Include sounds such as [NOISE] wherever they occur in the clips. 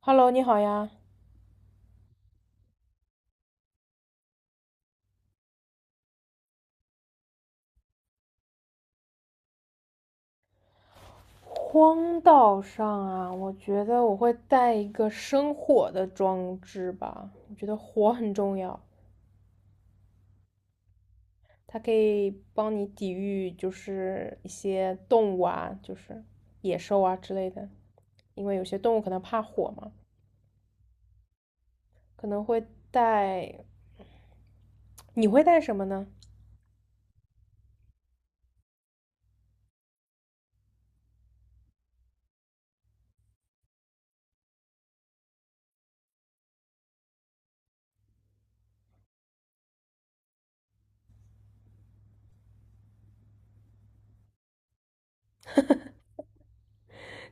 Hello，你好呀。荒岛上啊，我觉得我会带一个生火的装置吧。我觉得火很重要，它可以帮你抵御就是一些动物啊，就是野兽啊之类的。因为有些动物可能怕火嘛，可能会带。你会带什么呢？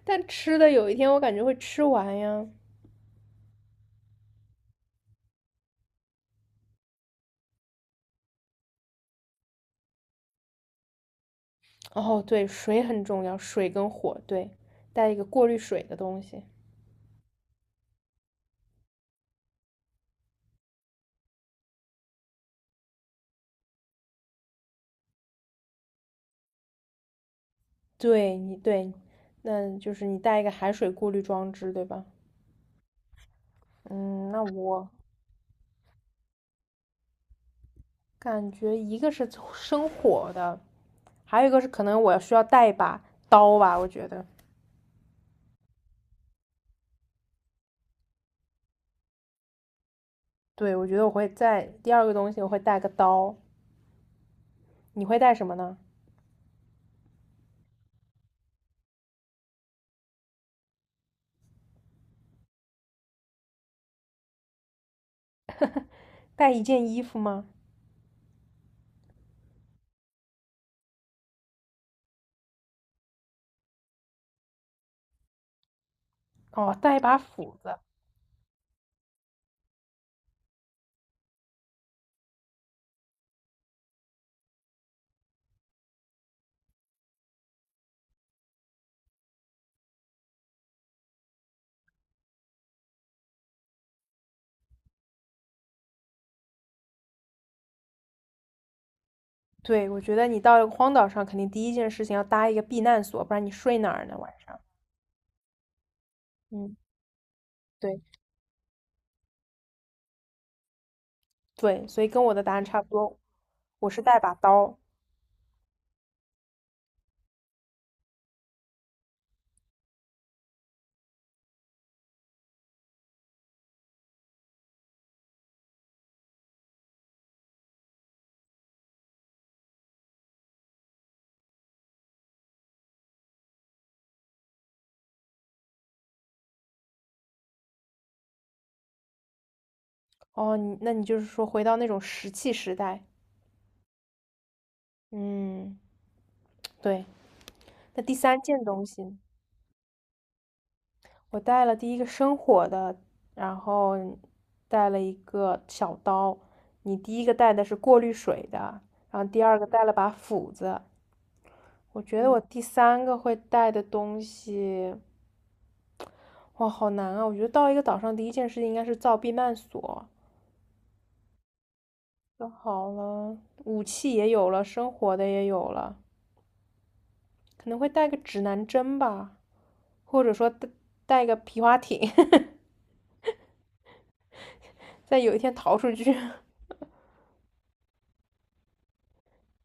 但吃的有一天我感觉会吃完呀。哦，对，水很重要，水跟火，对，带一个过滤水的东西。对你对，那就是你带一个海水过滤装置，对吧？嗯，那我感觉一个是生火的，还有一个是可能我需要带一把刀吧，我觉得。对，我觉得我会带第二个东西，我会带个刀。你会带什么呢？带一件衣服吗？哦，带一把斧子。对，我觉得你到一个荒岛上，肯定第一件事情要搭一个避难所，不然你睡哪儿呢？晚上？嗯，对对，所以跟我的答案差不多，我是带把刀。哦，你那你就是说回到那种石器时代，嗯，对。那第三件东西，我带了第一个生火的，然后带了一个小刀。你第一个带的是过滤水的，然后第二个带了把斧子。我觉得我第三个会带的东西，哇，好难啊！我觉得到一个岛上第一件事情应该是造避难所，就好了，武器也有了，生活的也有了，可能会带个指南针吧。或者说带带个皮划艇，在有一天逃出去，[LAUGHS]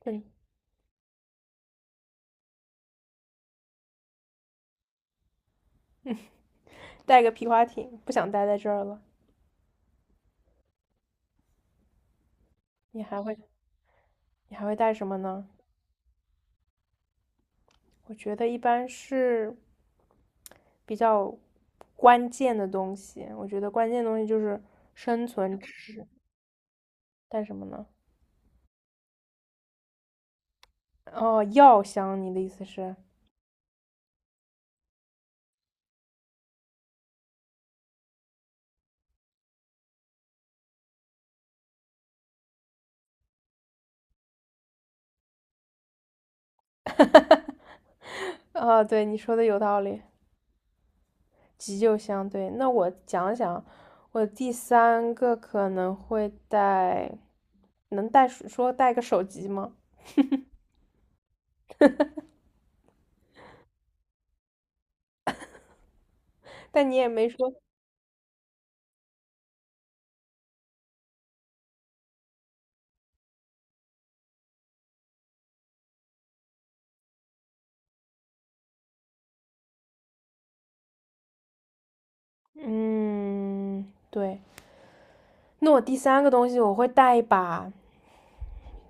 嗯，带个皮划艇，不想待在这儿了。你还会你还会带什么呢？我觉得一般是比较关键的东西，我觉得关键的东西就是生存知识。带什么呢？哦，药箱，你的意思是？哦，对，你说的有道理，急救箱。对，那我讲讲，我第三个可能会带，能带，说带个手机吗？但你也没说，嗯，对。那我第三个东西我会带一把，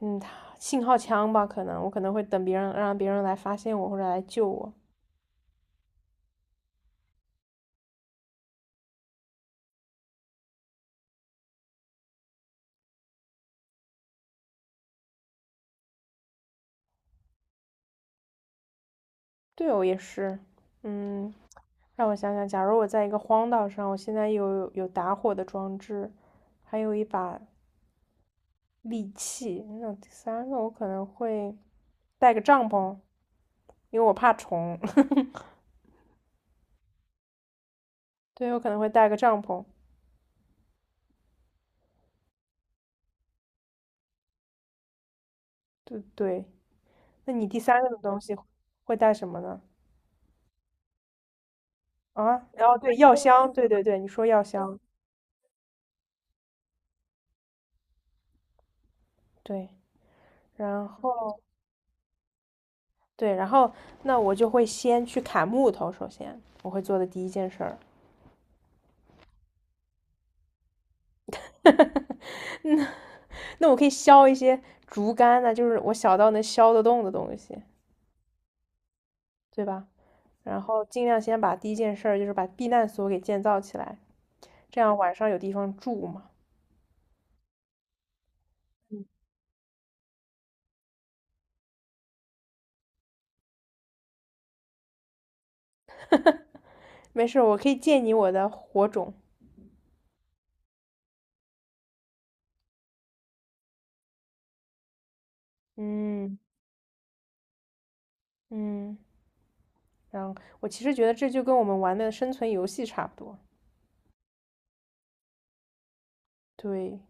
嗯，信号枪吧，可能我可能会等别人让别人来发现我或者来救我。对哦，也是，嗯，让我想想，假如我在一个荒岛上，我现在有打火的装置，还有一把利器，那第三个我可能会带个帐篷，因为我怕虫。[LAUGHS] 对，我可能会带个帐篷。对对，那你第三个的东西会带什么呢？啊，然后对药箱，对对对，你说药箱，对，然后对，然后那我就会先去砍木头，首先我会做的第一件事儿，[LAUGHS] 那我可以削一些竹竿呢，就是我小到能削得动的东西，对吧？然后尽量先把第一件事儿就是把避难所给建造起来，这样晚上有地方住嘛。没事儿，我可以借你我的火种，嗯嗯，然后我其实觉得这就跟我们玩的生存游戏差不多，对。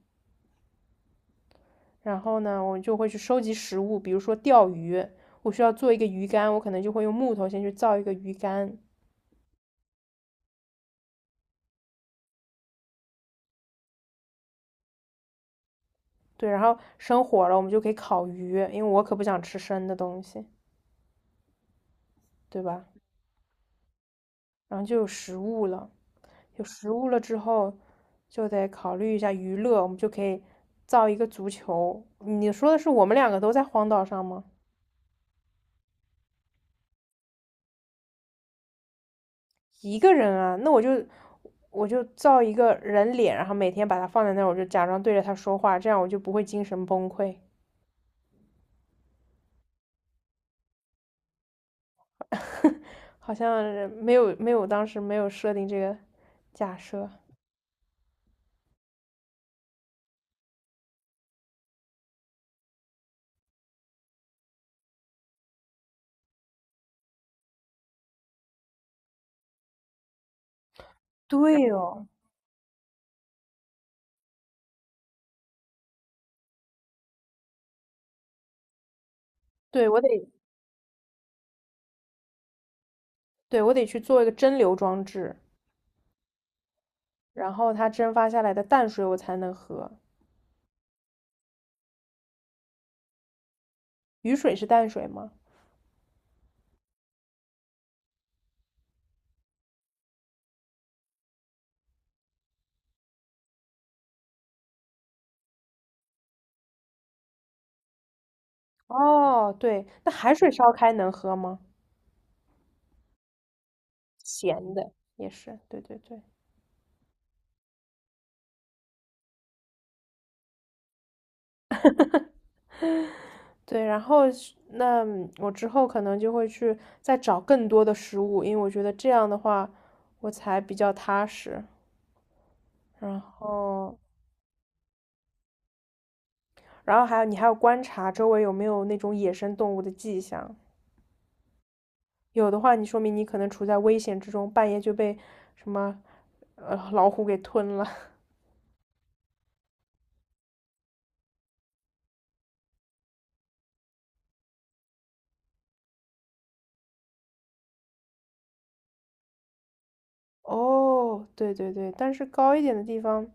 然后呢，我就会去收集食物，比如说钓鱼，我需要做一个鱼竿，我可能就会用木头先去造一个鱼竿，对，然后生火了，我们就可以烤鱼，因为我可不想吃生的东西，对吧？然后就有食物了，有食物了之后，就得考虑一下娱乐，我们就可以造一个足球。你说的是我们两个都在荒岛上吗？一个人啊，那我就造一个人脸，然后每天把它放在那儿，我就假装对着他说话，这样我就不会精神崩溃。[LAUGHS] 好像没有没有，当时没有设定这个假设。对哦，对，我得，对，我得去做一个蒸馏装置，然后它蒸发下来的淡水我才能喝。雨水是淡水吗？哦，对，那海水烧开能喝吗？咸的也是，对对对，[LAUGHS] 对。然后是那我之后可能就会去再找更多的食物，因为我觉得这样的话我才比较踏实。然后还有你还要观察周围有没有那种野生动物的迹象，有的话，你说明你可能处在危险之中，半夜就被什么老虎给吞了。[LAUGHS] 哦，对对对，但是高一点的地方，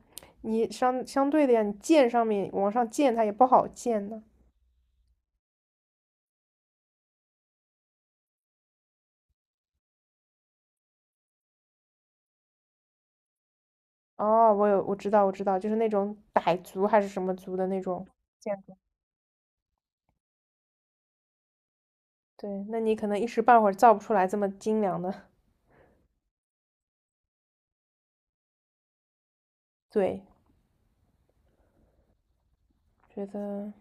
你相对的呀，你箭上面往上箭，它也不好箭呢。哦，我有，我知道，我知道，就是那种傣族还是什么族的那种建筑。对，那你可能一时半会儿造不出来这么精良的。对，觉得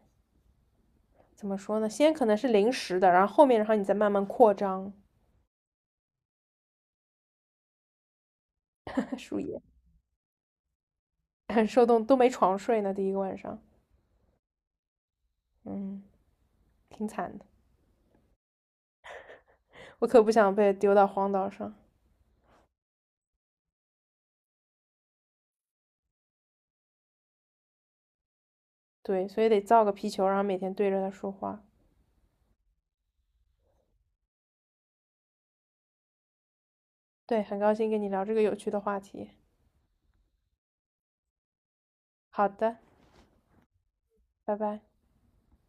怎么说呢？先可能是临时的，然后后面，然后你再慢慢扩张。[LAUGHS] 树叶很 [LAUGHS] 受冻，都没床睡呢。第一个晚上，嗯，挺惨的。我可不想被丢到荒岛上。对，所以得造个皮球，然后每天对着它说话。对，很高兴跟你聊这个有趣的话题。好的，拜拜。